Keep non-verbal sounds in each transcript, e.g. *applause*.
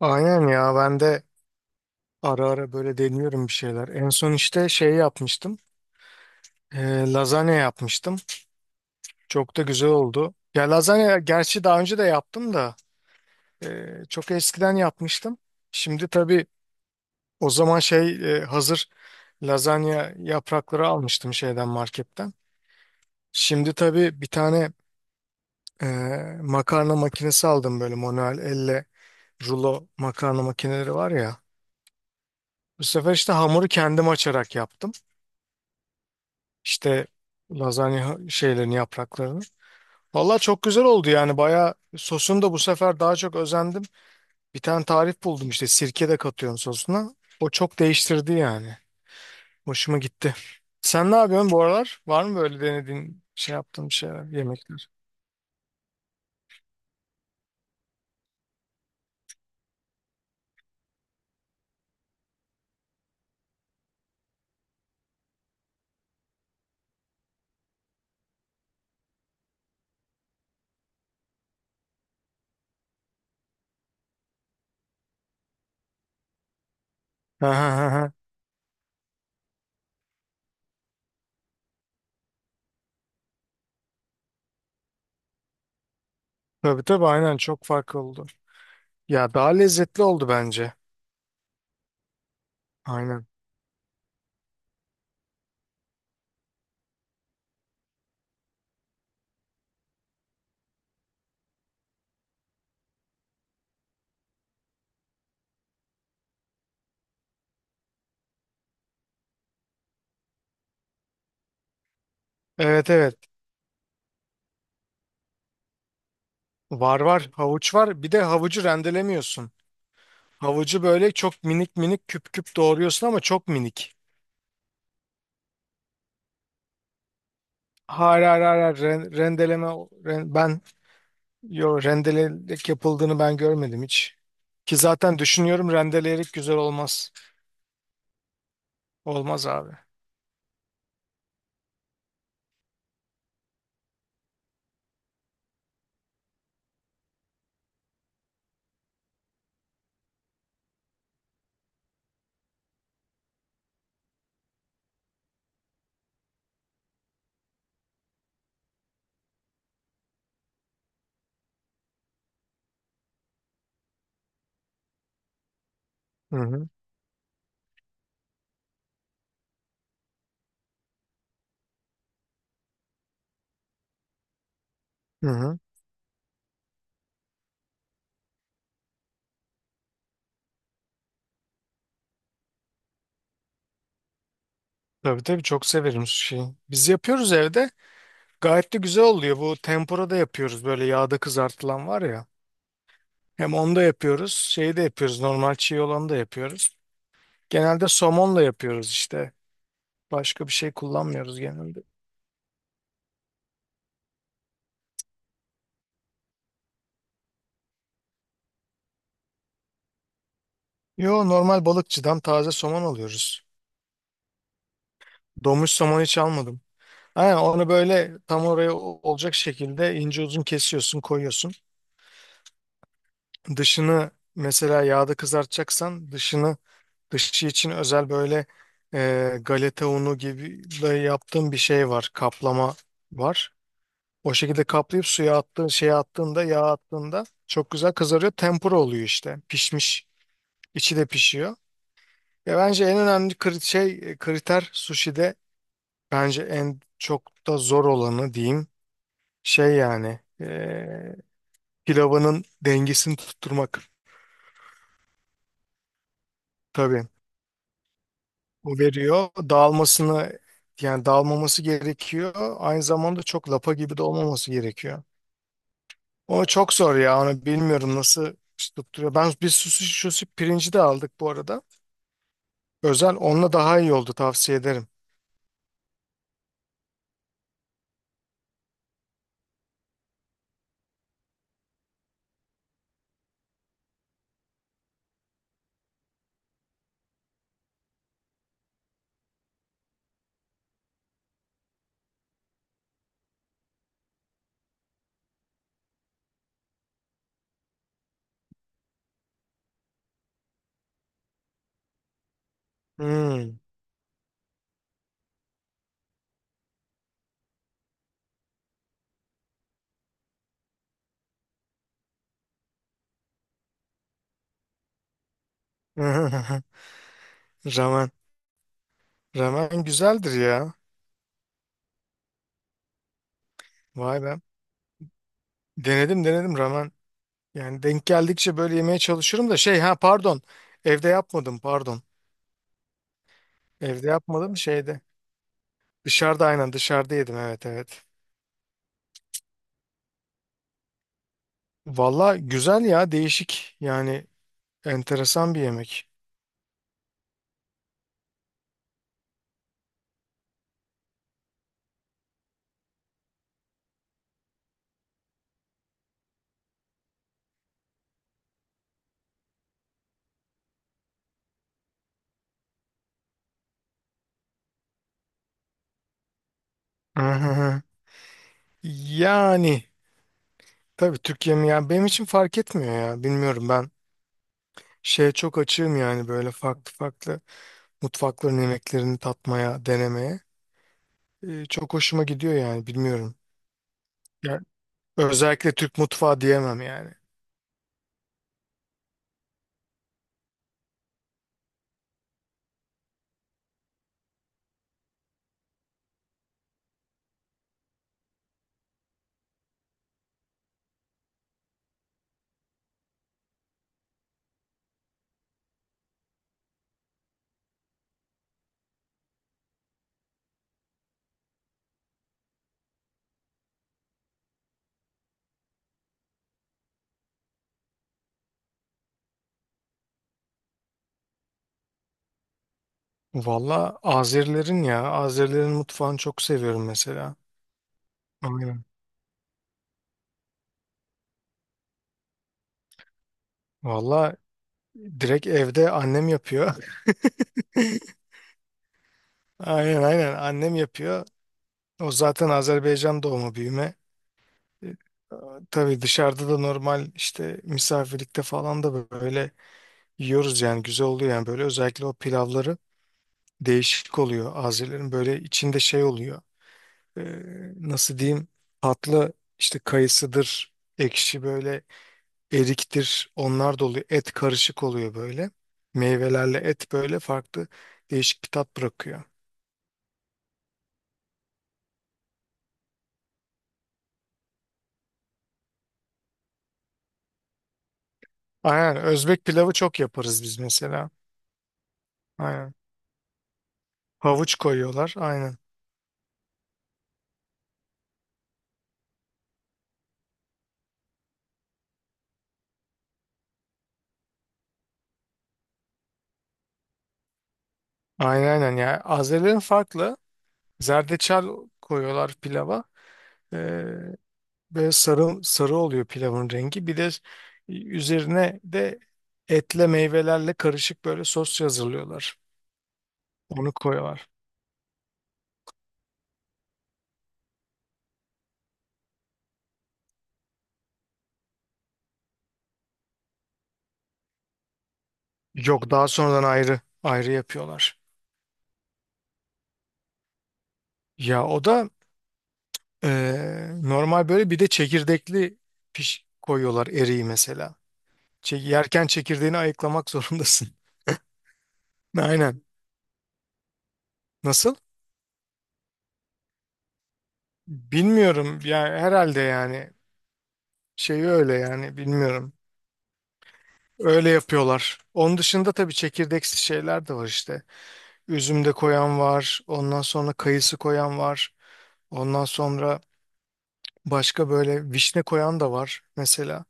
Aynen ya ben de ara ara böyle deniyorum bir şeyler. En son işte şey yapmıştım. Lazanya yapmıştım. Çok da güzel oldu. Ya lazanya gerçi daha önce de yaptım da çok eskiden yapmıştım. Şimdi tabii o zaman şey hazır lazanya yaprakları almıştım şeyden marketten. Şimdi tabii bir tane e, makarna makinesi aldım böyle manuel elle rulo makarna makineleri var ya. Bu sefer işte hamuru kendim açarak yaptım. İşte lazanya şeylerini, yapraklarını. Vallahi çok güzel oldu yani bayağı sosunu da bu sefer daha çok özendim. Bir tane tarif buldum işte sirke de katıyorum sosuna. O çok değiştirdi yani. Hoşuma gitti. Sen ne yapıyorsun bu aralar? Var mı böyle denediğin şey yaptığın şeyler, yemekler? Ha, ha, ha, ha. Tabii tabii aynen çok farklı oldu. Ya daha lezzetli oldu bence. Aynen. Evet, evet. Var var havuç var. Bir de havucu rendelemiyorsun. Havucu böyle çok minik minik küp küp doğruyorsun ama çok minik. Hayır, hayır, hayır, hayır. Ren- rendeleme ren- ben yo rendelek yapıldığını ben görmedim hiç. Ki zaten düşünüyorum rendeleyerek güzel olmaz. Olmaz abi. Hı hı. Hı hı. Tabii tabii çok severim şeyi. Biz yapıyoruz evde. Gayet de güzel oluyor. Bu tempura da yapıyoruz. Böyle yağda kızartılan var ya. Hem onu da yapıyoruz. Şeyi de yapıyoruz. Normal çiğ olanı da yapıyoruz. Genelde somonla yapıyoruz işte. Başka bir şey kullanmıyoruz genelde. Yo normal balıkçıdan taze somon alıyoruz. Donmuş somon hiç almadım. Aynen onu böyle tam oraya olacak şekilde ince uzun kesiyorsun, koyuyorsun. Dışını mesela yağda kızartacaksan dışı için özel böyle galeta unu gibi de yaptığın bir şey var, kaplama var. O şekilde kaplayıp suya attığın şeye attığında yağ attığında çok güzel kızarıyor. Tempura oluyor işte. Pişmiş. İçi de pişiyor. Ya bence en önemli şey kriter sushi'de bence en çok da zor olanı diyeyim şey yani pilavının dengesini tutturmak tabii. O veriyor. Dağılmasını yani dağılmaması gerekiyor. Aynı zamanda çok lapa gibi de olmaması gerekiyor. O çok zor ya. Onu bilmiyorum nasıl tutturuyor. Ben bir sushi pirinci de aldık bu arada. Özel onunla daha iyi oldu, tavsiye ederim. Hmm. *laughs* Ramen. Ramen güzeldir ya. Vay be. Denedim ramen. Yani denk geldikçe böyle yemeye çalışırım da şey, ha pardon. Evde yapmadım pardon. Evde yapmadım şeyde. Dışarıda aynen dışarıda yedim, evet, evet. Valla güzel ya, değişik yani enteresan bir yemek. Hı hı hı. Yani tabii Türk yemeği yani benim için fark etmiyor ya, bilmiyorum, ben şeye çok açığım yani böyle farklı farklı mutfakların yemeklerini tatmaya denemeye. Çok hoşuma gidiyor yani bilmiyorum. Yani özellikle Türk mutfağı diyemem yani. Valla Azerilerin ya Azerilerin mutfağını çok seviyorum mesela. Aynen. Valla direkt evde annem yapıyor. *laughs* Aynen aynen annem yapıyor. O zaten Azerbaycan doğumu büyüme. E, Tabii dışarıda da normal işte misafirlikte falan da böyle yiyoruz yani güzel oluyor yani böyle özellikle o pilavları değişik oluyor Azerilerin, böyle içinde şey oluyor. E, Nasıl diyeyim, tatlı işte kayısıdır, ekşi böyle eriktir onlar da oluyor, et karışık oluyor böyle meyvelerle et, böyle farklı değişik bir tat bırakıyor. Aynen, Özbek pilavı çok yaparız biz mesela. Aynen. Havuç koyuyorlar. Aynen. Aynen aynen. Yani Azerilerin farklı. Zerdeçal koyuyorlar pilava. Ee, Böyle sarı, sarı oluyor pilavın rengi. Bir de üzerine de etle meyvelerle karışık böyle sos hazırlıyorlar. Onu koyuyorlar. Yok, daha sonradan ayrı ayrı yapıyorlar. Ya o da normal böyle, bir de çekirdekli piş koyuyorlar eriği mesela. Yerken çekirdeğini ayıklamak zorundasın. *laughs* Aynen. Nasıl? Bilmiyorum yani, herhalde yani şey öyle yani, bilmiyorum. Öyle yapıyorlar. Onun dışında tabii çekirdeksi şeyler de var işte. Üzüm de koyan var. Ondan sonra kayısı koyan var. Ondan sonra başka böyle vişne koyan da var mesela.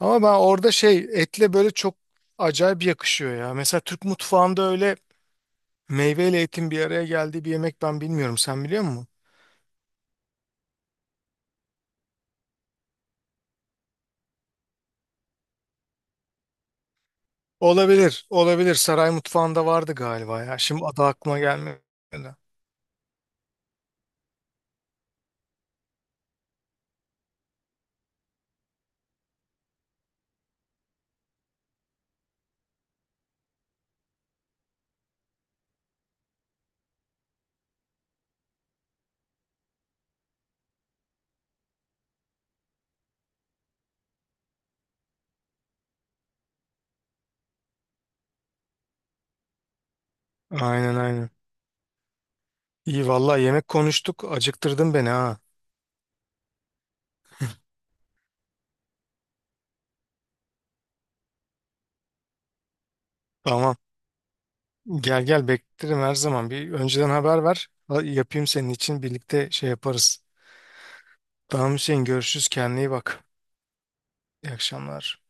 Ama ben orada şey etle böyle çok acayip yakışıyor ya. Mesela Türk mutfağında öyle meyveyle etin bir araya geldiği bir yemek ben bilmiyorum. Sen biliyor musun? Olabilir, olabilir. Saray mutfağında vardı galiba ya. Şimdi adı aklıma gelmedi. Aynen aynen. İyi vallahi yemek konuştuk. Acıktırdın beni ha. Tamam. Gel gel, beklerim her zaman. Bir önceden haber ver. Yapayım senin için, birlikte şey yaparız. Tamam Hüseyin, görüşürüz. Kendine iyi bak. İyi akşamlar.